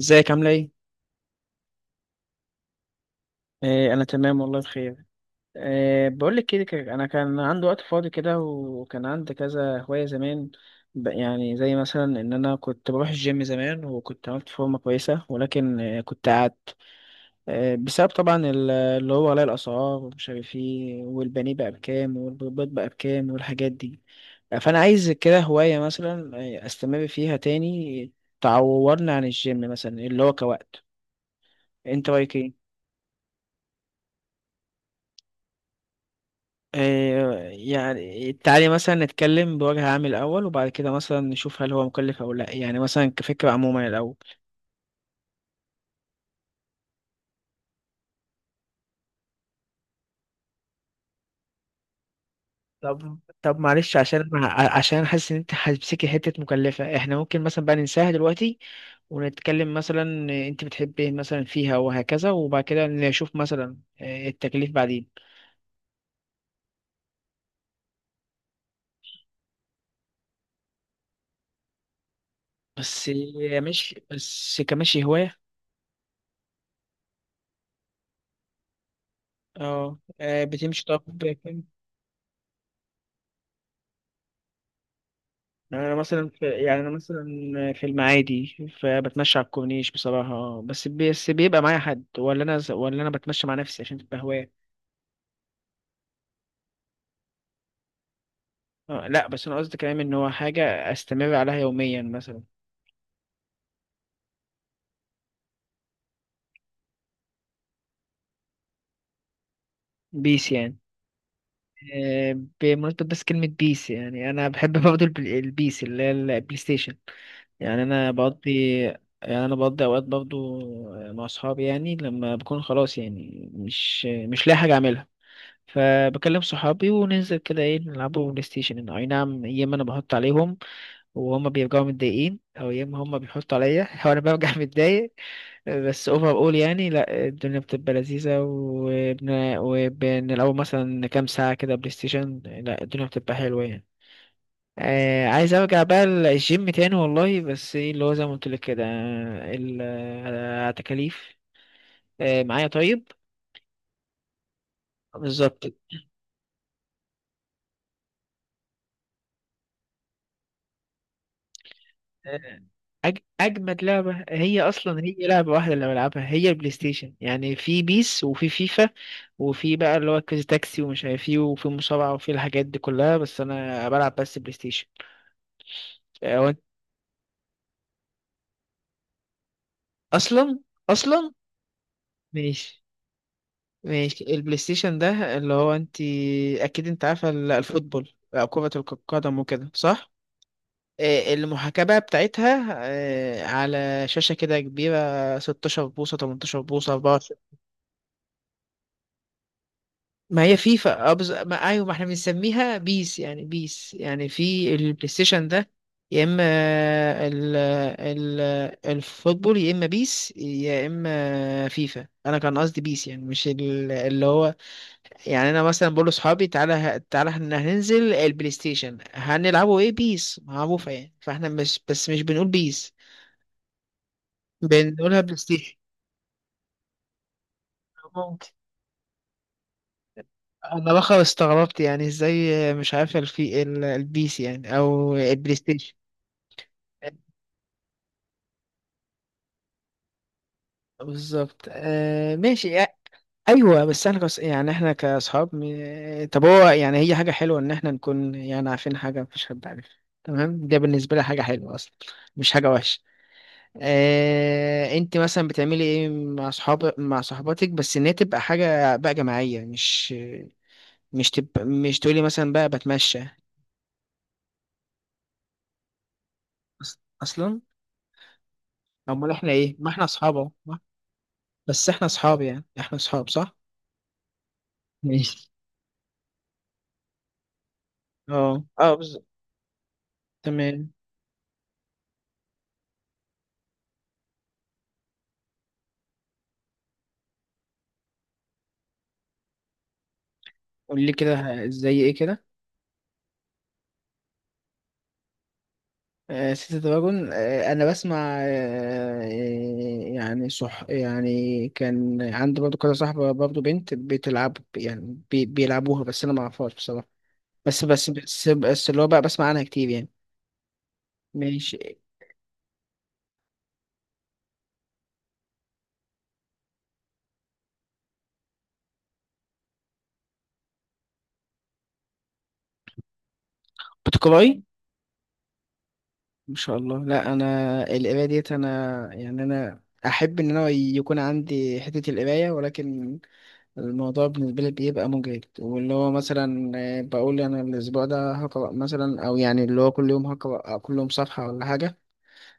ازيك عاملة ايه؟ آه، انا تمام والله بخير. آه، بقول لك كده كده، انا كان عندي وقت فاضي كده، وكان عندي كذا هواية زمان. يعني زي مثلا ان انا كنت بروح الجيم زمان، وكنت عملت فورمة كويسة، ولكن كنت قعدت. آه، بسبب طبعا اللي هو غلاء الاسعار، ومش عارف ايه، والبانيه بقى بكام، والبيض بقى بكام، والحاجات دي. آه، فانا عايز كده هواية مثلا. آه، استمر فيها تاني. تعوضني عن الجيم مثلا، اللي هو كوقت. انت رايك ايه؟ آه، يعني تعالي مثلا نتكلم بوجه عام الأول، وبعد كده مثلا نشوف هل هو مكلف أو لأ، يعني مثلا كفكرة عموما الأول. طب معلش، عشان عشان حاسس إن أنت هتمسكي حتة مكلفة، إحنا ممكن مثلا بقى ننساها دلوقتي، ونتكلم مثلا. أنت بتحبي إيه مثلا فيها وهكذا، وبعد كده نشوف مثلا، آه، التكليف بعدين. بس مش بس كمشي هواية. اه، بتمشي طب. يعني انا مثلا في المعادي، فبتمشى على الكورنيش بصراحه، بس بس بيبقى معايا حد، ولا انا، ولا انا بتمشى مع نفسي عشان تبقى هوايه. آه، لا بس انا قصدي كلام ان هو حاجه استمر عليها يوميا مثلا. بيس يعني. آه، بمناسبة بس كلمة بيس، يعني أنا بحب برضه البيس اللي هي البلاي ستيشن. يعني أنا بقضي يعني أنا بقضي أوقات برضه مع أصحابي، يعني لما بكون خلاص، يعني مش لاقي حاجة أعملها، فبكلم صحابي وننزل كده، ايه، نلعبوا بلاي ستيشن. اي نعم، يا اما انا بحط عليهم وهما بيرجعوا متضايقين، او يا اما هما بيحطوا عليا وانا برجع متضايق. بس اوفر اول يعني، لا الدنيا بتبقى لذيذة، وبنلعبوا مثلا كام ساعة كده بلاي ستيشن، لا الدنيا بتبقى حلوة يعني. آه، عايز ارجع بقى الجيم تاني والله، بس ايه اللي هو زي ما قلت لك كده، آه، تكاليف. آه، معايا طيب. بالظبط. اجمد لعبه، هي اصلا هي لعبه واحده اللي بلعبها هي البلاي ستيشن يعني، في بيس وفي فيفا، وفي بقى اللي هو كويز تاكسي ومش عارف ايه، وفي مصارعه، وفي الحاجات دي كلها، بس انا بلعب بس بلاي ستيشن. هو أنت- اصلا اصلا ماشي. ماشي، البلاي ستيشن ده اللي هو انت اكيد انت عارفه الفوتبول أو كرة القدم وكده، صح؟ آه، المحاكاة بقى بتاعتها، على شاشة كده كبيرة 16 بوصة، 18 بوصة. ما هي فيفا أبز... ما ايوه، ما احنا بنسميها بيس يعني، بيس يعني في البلاي ستيشن ده، يا اما ال... ال... الفوتبول، يا اما بيس، يا اما فيفا. انا كان قصدي بيس يعني، مش اللي هو. يعني انا مثلا بقول لاصحابي، تعالى احنا هننزل البلاي ستيشن، هنلعبوا ايه، بيس، معروفه يعني، فاحنا مش بس مش بنقول بيس، بنقولها بلاي ستيشن. ممكن. انا بقى استغربت يعني، ازاي مش عارف البيس يعني، او البلاي ستيشن. بالظبط. آه، ماشي. آه، ايوه، بس احنا يعني احنا كاصحاب، طب هو يعني هي حاجه حلوه ان احنا نكون يعني عارفين حاجه مفيش حد عارفها. تمام، ده بالنسبه لي حاجه حلوه اصلا، مش حاجه وحشه. آه، انت مثلا بتعملي ايه مع صحاب، مع صحباتك، بس ان هي تبقى حاجه بقى جماعيه، مش مش تبقى، مش تقولي مثلا بقى بتمشى. أص- اصلا؟ امال احنا ايه، ما احنا اصحاب أهو، بس احنا اصحاب يعني، احنا اصحاب صح. ماشي. اه اه، بالظبط. تمام. قول لي كده، زي ايه كده. آه، سيتي دراجون. آه، انا بسمع. آه، آه، يعني صح، يعني كان عندي برضو كده صاحبة برضو بنت بتلعب يعني، بي بيلعبوها، بس انا ما اعرفهاش بصراحة. بس اللي هو بقى بسمع عنها كتير يعني. ماشي. بتقراي؟ ما شاء الله، لا انا القراية ديت، انا يعني انا احب ان انا يكون عندي حتة القراية، ولكن الموضوع بالنسبة لي بيبقى مجهد، واللي هو مثلا، آه، بقول أنا الأسبوع ده هقرأ مثلا، أو يعني اللي هو كل يوم هقرأ، كل يوم صفحة ولا حاجة.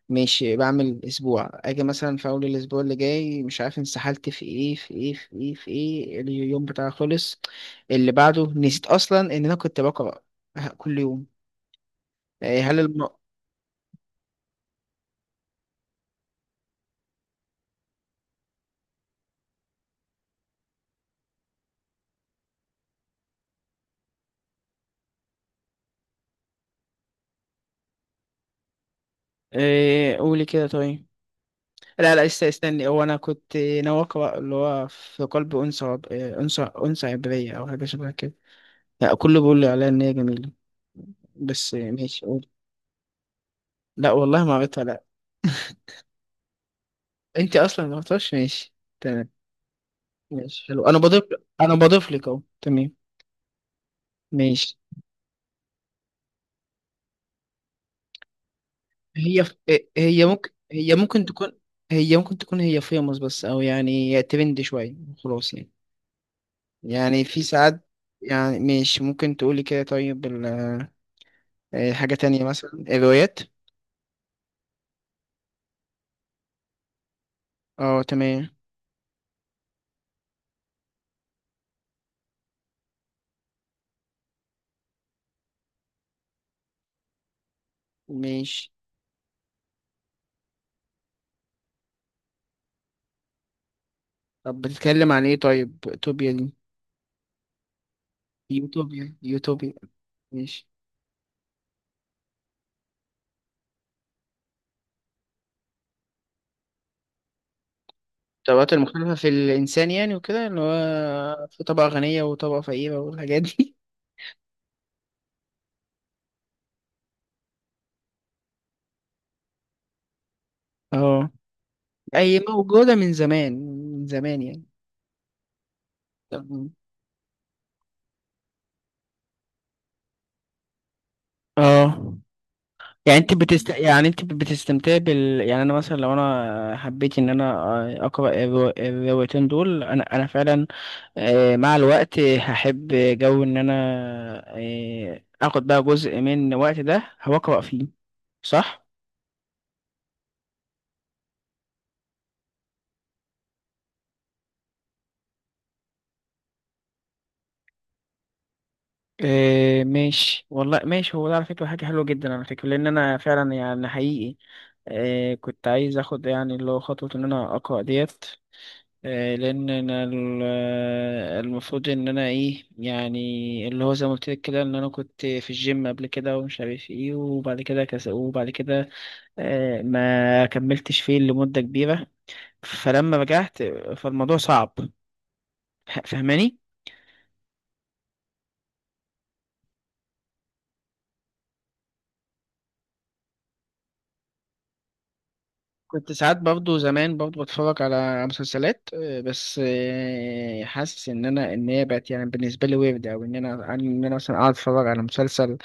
ماشي، بعمل أسبوع، أجي مثلا في أول الأسبوع اللي جاي، مش عارف انسحلت في إيه في إيه في إيه في إيه، اليوم بتاعي خلص، اللي بعده نسيت أصلا إن أنا كنت بقرأ آه، كل يوم. آه، هل الم... آه، قولي كده طيب. لا استني، هو أنا كنت ناوي أقرأ اللي هو في قلب أنثى. آه، أنثى أنثى عبرية أو حاجة شبه كده. لا كله بيقول لي عليها ان هي جميله، بس ماشي، قول. لا والله ما عملتها لا. انت اصلا ما عملتهاش، ماشي. تمام. ماشي، حلو. انا بضيف لك اهو، تمام. ماشي. هي ف... هي ممكن هي ممكن تكون هي ممكن تكون هي فيموس بس، او يعني ترند شويه، خلاص يعني. يعني في ساعات. يعني ماشي، ممكن تقولي كده طيب آه، حاجه تانية مثلا الروايات. اه، تمام. ماشي. طب بتتكلم عن ايه طيب، توبيا دي؟ يوتوبيا، يوتوبيا. ماشي. الطبقات المختلفة في الإنسان يعني، وكده اللي هو في طبقة غنية وطبقة فقيرة والحاجات دي. اه، أي موجودة من زمان، من زمان يعني. طب- اه. يعني انت يعني انت بتستمتع بال، يعني انا مثلا لو انا حبيت ان انا اقرا الروايتين دول، انا انا فعلا آه، مع الوقت هحب جو ان انا آه، اخد بقى جزء من الوقت ده هقرا فيه، صح. إيه، ماشي والله ماشي، هو ده على فكرة حاجة حلوة جدا على فكرة، لأن أنا فعلا يعني حقيقي إيه كنت عايز أخد يعني اللي هو خطوة إن أنا أقرأ ديت. إيه، لأن أنا آه، المفروض إن أنا إيه يعني، اللي هو زي ما قلت لك كده، إن أنا كنت في الجيم قبل كده، ومش عارف إيه، وبعد كده كس، وبعد كده إيه، ما كملتش فيه لمدة كبيرة. فلما رجعت، فالموضوع صعب. فاهماني؟ كنت ساعات برضه زمان برضه بتفرج على مسلسلات آه، بس آه، حاسس ان انا ان هي بقت يعني بالنسبه لي ويرد، او ان انا ان انا مثلا اقعد اتفرج على مسلسل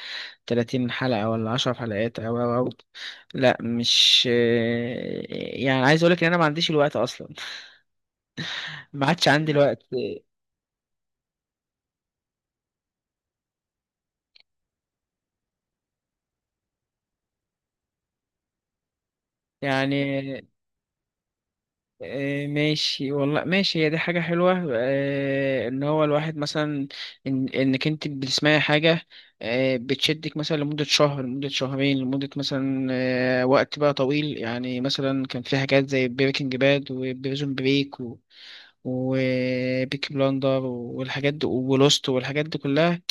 30 حلقه ولا 10 حلقات، او او أو. لا، مش آه، يعني عايز اقول لك ان انا ما عنديش الوقت اصلا، ما عادش عندي الوقت يعني. آه، ماشي والله ماشي، هي دي حاجة حلوة، آه، إن هو الواحد مثلا، إن إنك أنت بتسمعي حاجة آه، بتشدك مثلا لمدة شهر، لمدة شهرين، لمدة مثلا آه، وقت بقى طويل يعني، مثلا كان في حاجات زي بريكنج باد، وبريزون بريك، و وبيكي بلاندر، والحاجات دي، ولوست والحاجات دي كلها.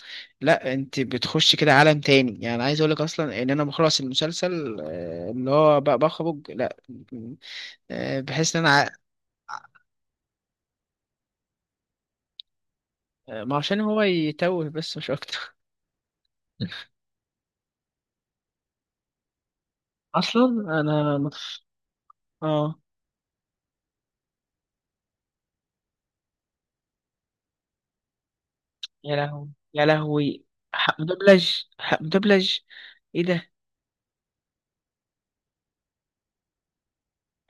لا انت بتخش كده عالم تاني يعني، عايز اقولك اصلا ان انا بخلص المسلسل آه، اللي هو بقى بخرج لا، آه، بحس ان انا. ما عشان هو يتوه، بس مش اكتر. اصلا انا متف... اه. يا لهوي، يا لهوي. حق مدبلج، حق مدبلج. ايه ده.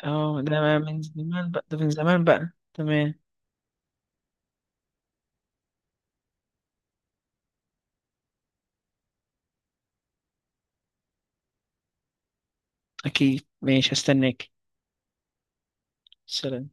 اه، ده من زمان بقى، ده من زمان بقى، تمام. اكيد، ماشي، هستناك. سلام.